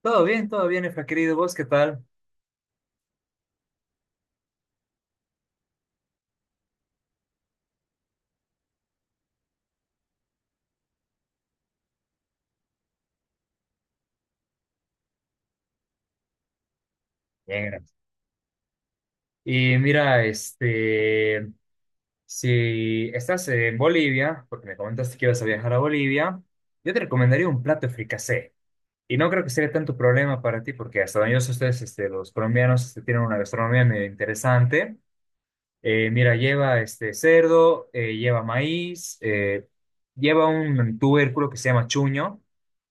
Todo bien, Efra, querido. ¿Vos qué tal? Bien, gracias. Y mira, si estás en Bolivia, porque me comentaste que ibas a viajar a Bolivia, yo te recomendaría un plato de fricasé. Y no creo que sea tanto problema para ti, porque hasta donde yo sé, ustedes, los colombianos, tienen una gastronomía medio interesante. Mira, lleva este cerdo, lleva maíz, lleva un tubérculo que se llama chuño,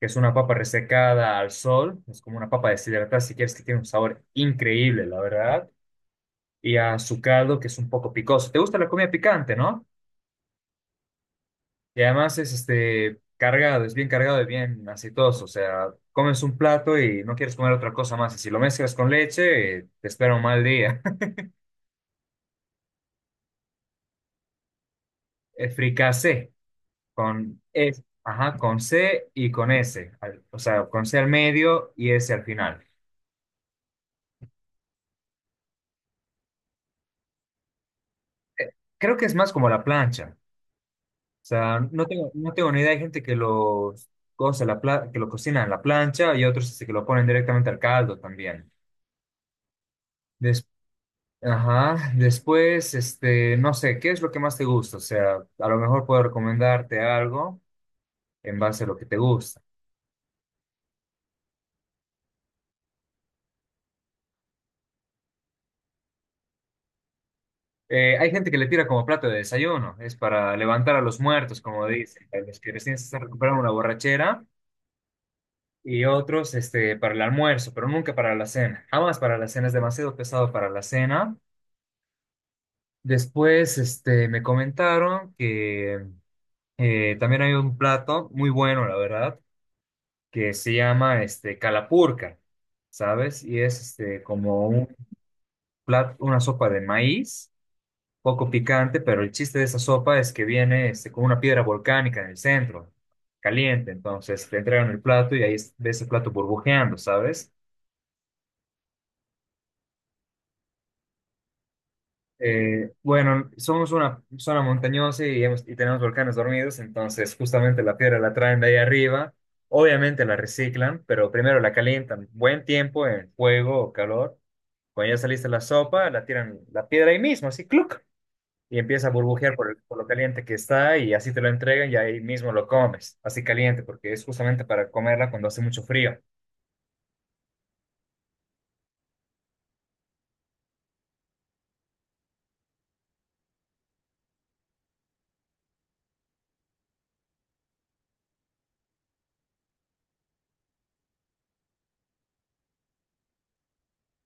que es una papa resecada al sol, es como una papa deshidratada, si quieres, que tiene un sabor increíble, la verdad, y azucarado, que es un poco picoso. ¿Te gusta la comida picante, no? Y además es cargado, es bien cargado y bien aceitoso, o sea, comes un plato y no quieres comer otra cosa más, y si lo mezclas con leche, te espera un mal día. Fricasé, con E, ajá, con C y con S, o sea, con C al medio y S al final. Eh, Creo que es más como la plancha. Sea, No tengo ni idea. Hay gente que los cosa que lo cocina en la plancha y otros que lo ponen directamente al caldo también. Des- Ajá. Después, no sé, ¿qué es lo que más te gusta? O sea, a lo mejor puedo recomendarte algo en base a lo que te gusta. Hay gente que le tira como plato de desayuno, es para levantar a los muertos, como dicen, a los que recién se están recuperando una borrachera, y otros para el almuerzo, pero nunca para la cena. Jamás para la cena, es demasiado pesado para la cena. Después, me comentaron que también hay un plato muy bueno, la verdad, que se llama calapurca, ¿sabes? Y es como un plato, una sopa de maíz, poco picante, pero el chiste de esa sopa es que viene con una piedra volcánica en el centro, caliente. Entonces te entregan el plato y ahí ves el plato burbujeando, ¿sabes? Bueno, somos una zona montañosa y tenemos volcanes dormidos, entonces justamente la piedra la traen de ahí arriba. Obviamente la reciclan, pero primero la calientan buen tiempo en fuego o calor. Cuando ya saliste la sopa, la tiran la piedra ahí mismo, así, ¡cluc! Y empieza a burbujear por lo caliente que está y así te lo entregan y ahí mismo lo comes, así caliente, porque es justamente para comerla cuando hace mucho frío.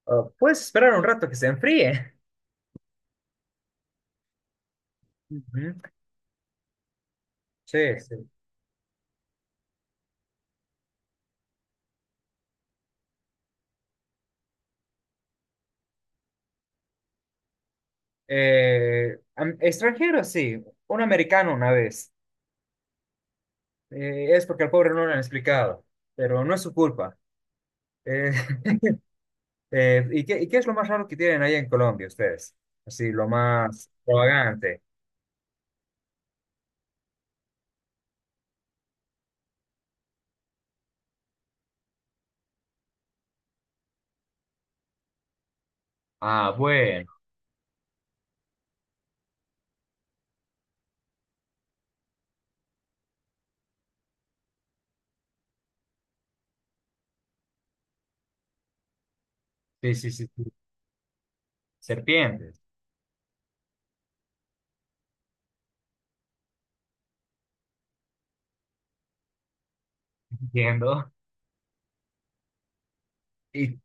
Ah, puedes esperar un rato que se enfríe. Ujú, sí, sí. Extranjero, sí. Un americano una vez. Es porque al pobre no le han explicado, pero no es su culpa. Eh, ¿y qué es lo más raro que tienen ahí en Colombia ustedes? Así, lo más extravagante. Ah, bueno. Sí, sí, sí. Sí. Serpientes. Entiendo. Y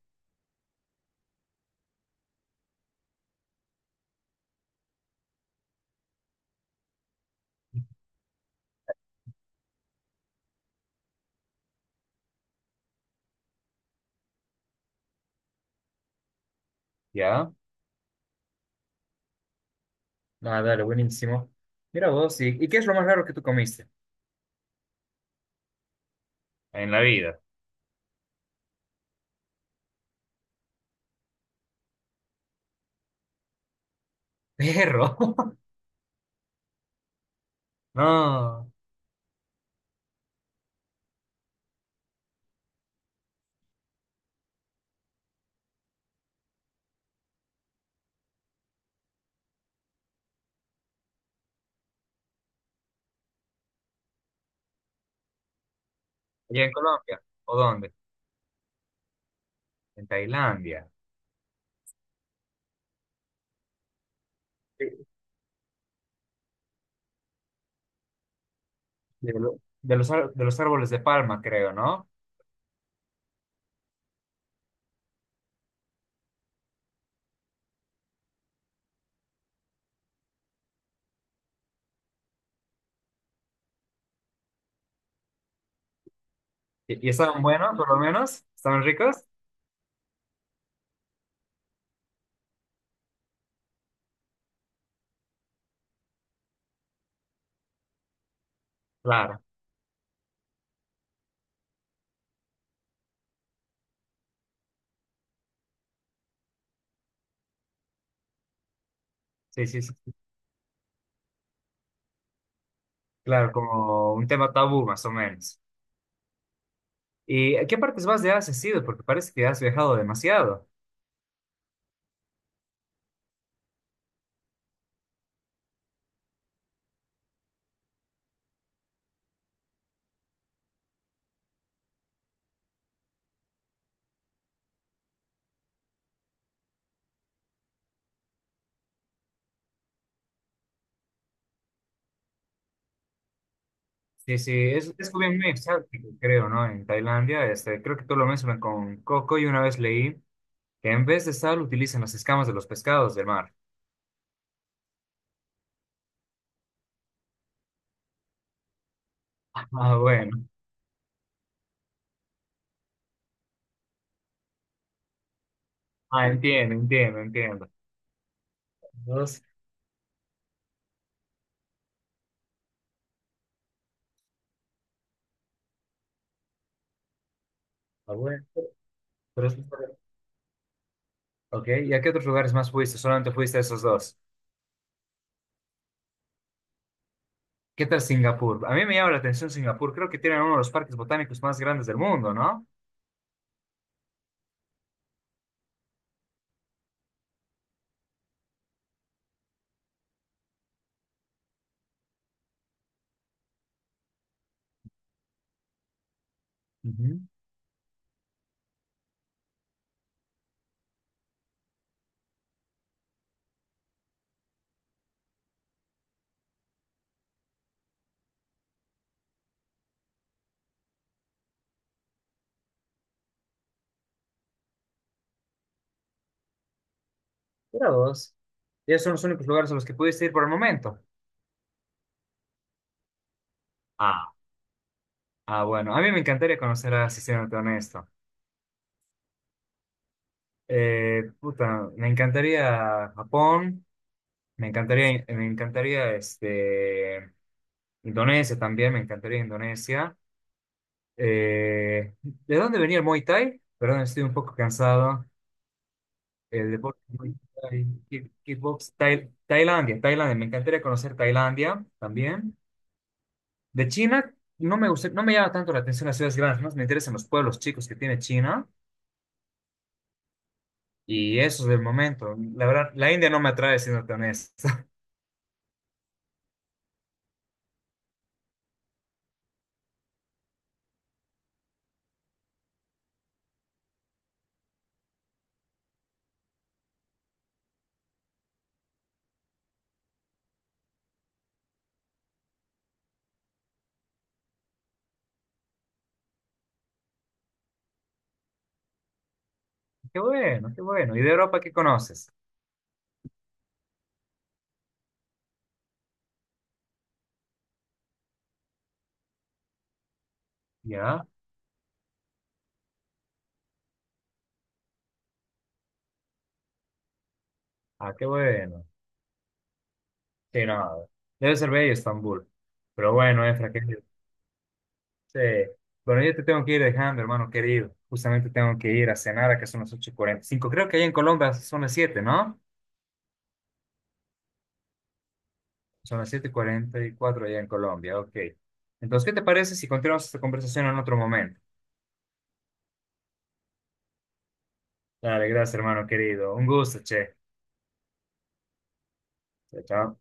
ya. Ah, dale, buenísimo. Mira vos, ¿y qué es lo más raro que tú comiste? En la vida. Perro. No. ¿Y en Colombia? ¿O dónde? En Tailandia. De, lo- de los, ar- de los árboles de palma, creo, ¿no? ¿Y estaban buenos, por lo menos? ¿Estaban ricos? Claro, sí, sí, sí, sí, claro, como un tema tabú, más o menos. ¿Y a qué partes más de Asia has ido? Porque parece que has viajado demasiado. Sí, sí, es como bien muy exótico, creo, ¿no? En Tailandia, creo que tú lo mencionas con coco y una vez leí que en vez de sal utilizan las escamas de los pescados del mar. Ah, bueno. Ah, entiendo, entiendo, entiendo. Dos, ah, bueno. Pero es- Ok, ¿y a qué otros lugares más fuiste? Solamente fuiste a esos dos. ¿Qué tal Singapur? A mí me llama la atención Singapur. Creo que tienen uno de los parques botánicos más grandes del mundo, ¿no? Ujú. Mira vos. Y esos son los únicos lugares a los que pudiste ir por el momento. Ah, ah, bueno. A mí me encantaría conocer a Sistemas Honesto. Puta, me encantaría Japón. Me encantaría Indonesia también. Me encantaría Indonesia. ¿De dónde venía el Muay Thai? Perdón, estoy un poco cansado. El deporte kickbox, Tailandia, me encantaría conocer Tailandia también. De China, no me gusta, no me llama tanto la atención las ciudades grandes, más me interesan los pueblos chicos que tiene China y eso es del momento. La verdad, la India no me atrae, siendo tan honesto. Qué bueno, qué bueno. ¿Y de Europa qué conoces? ¿Ya? Ah, qué bueno. Sí, no, debe ser bello Estambul. Pero bueno, Efra, ¿qué? Sí. Bueno, yo te tengo que ir dejando, hermano querido. Justamente tengo que ir a cenar, a que son las 8:45. Creo que allá en Colombia son las 7, ¿no? Son las 7:44 allá en Colombia, ok. Entonces, ¿qué te parece si continuamos esta conversación en otro momento? Dale, gracias, hermano querido. Un gusto, che. Chao, chao.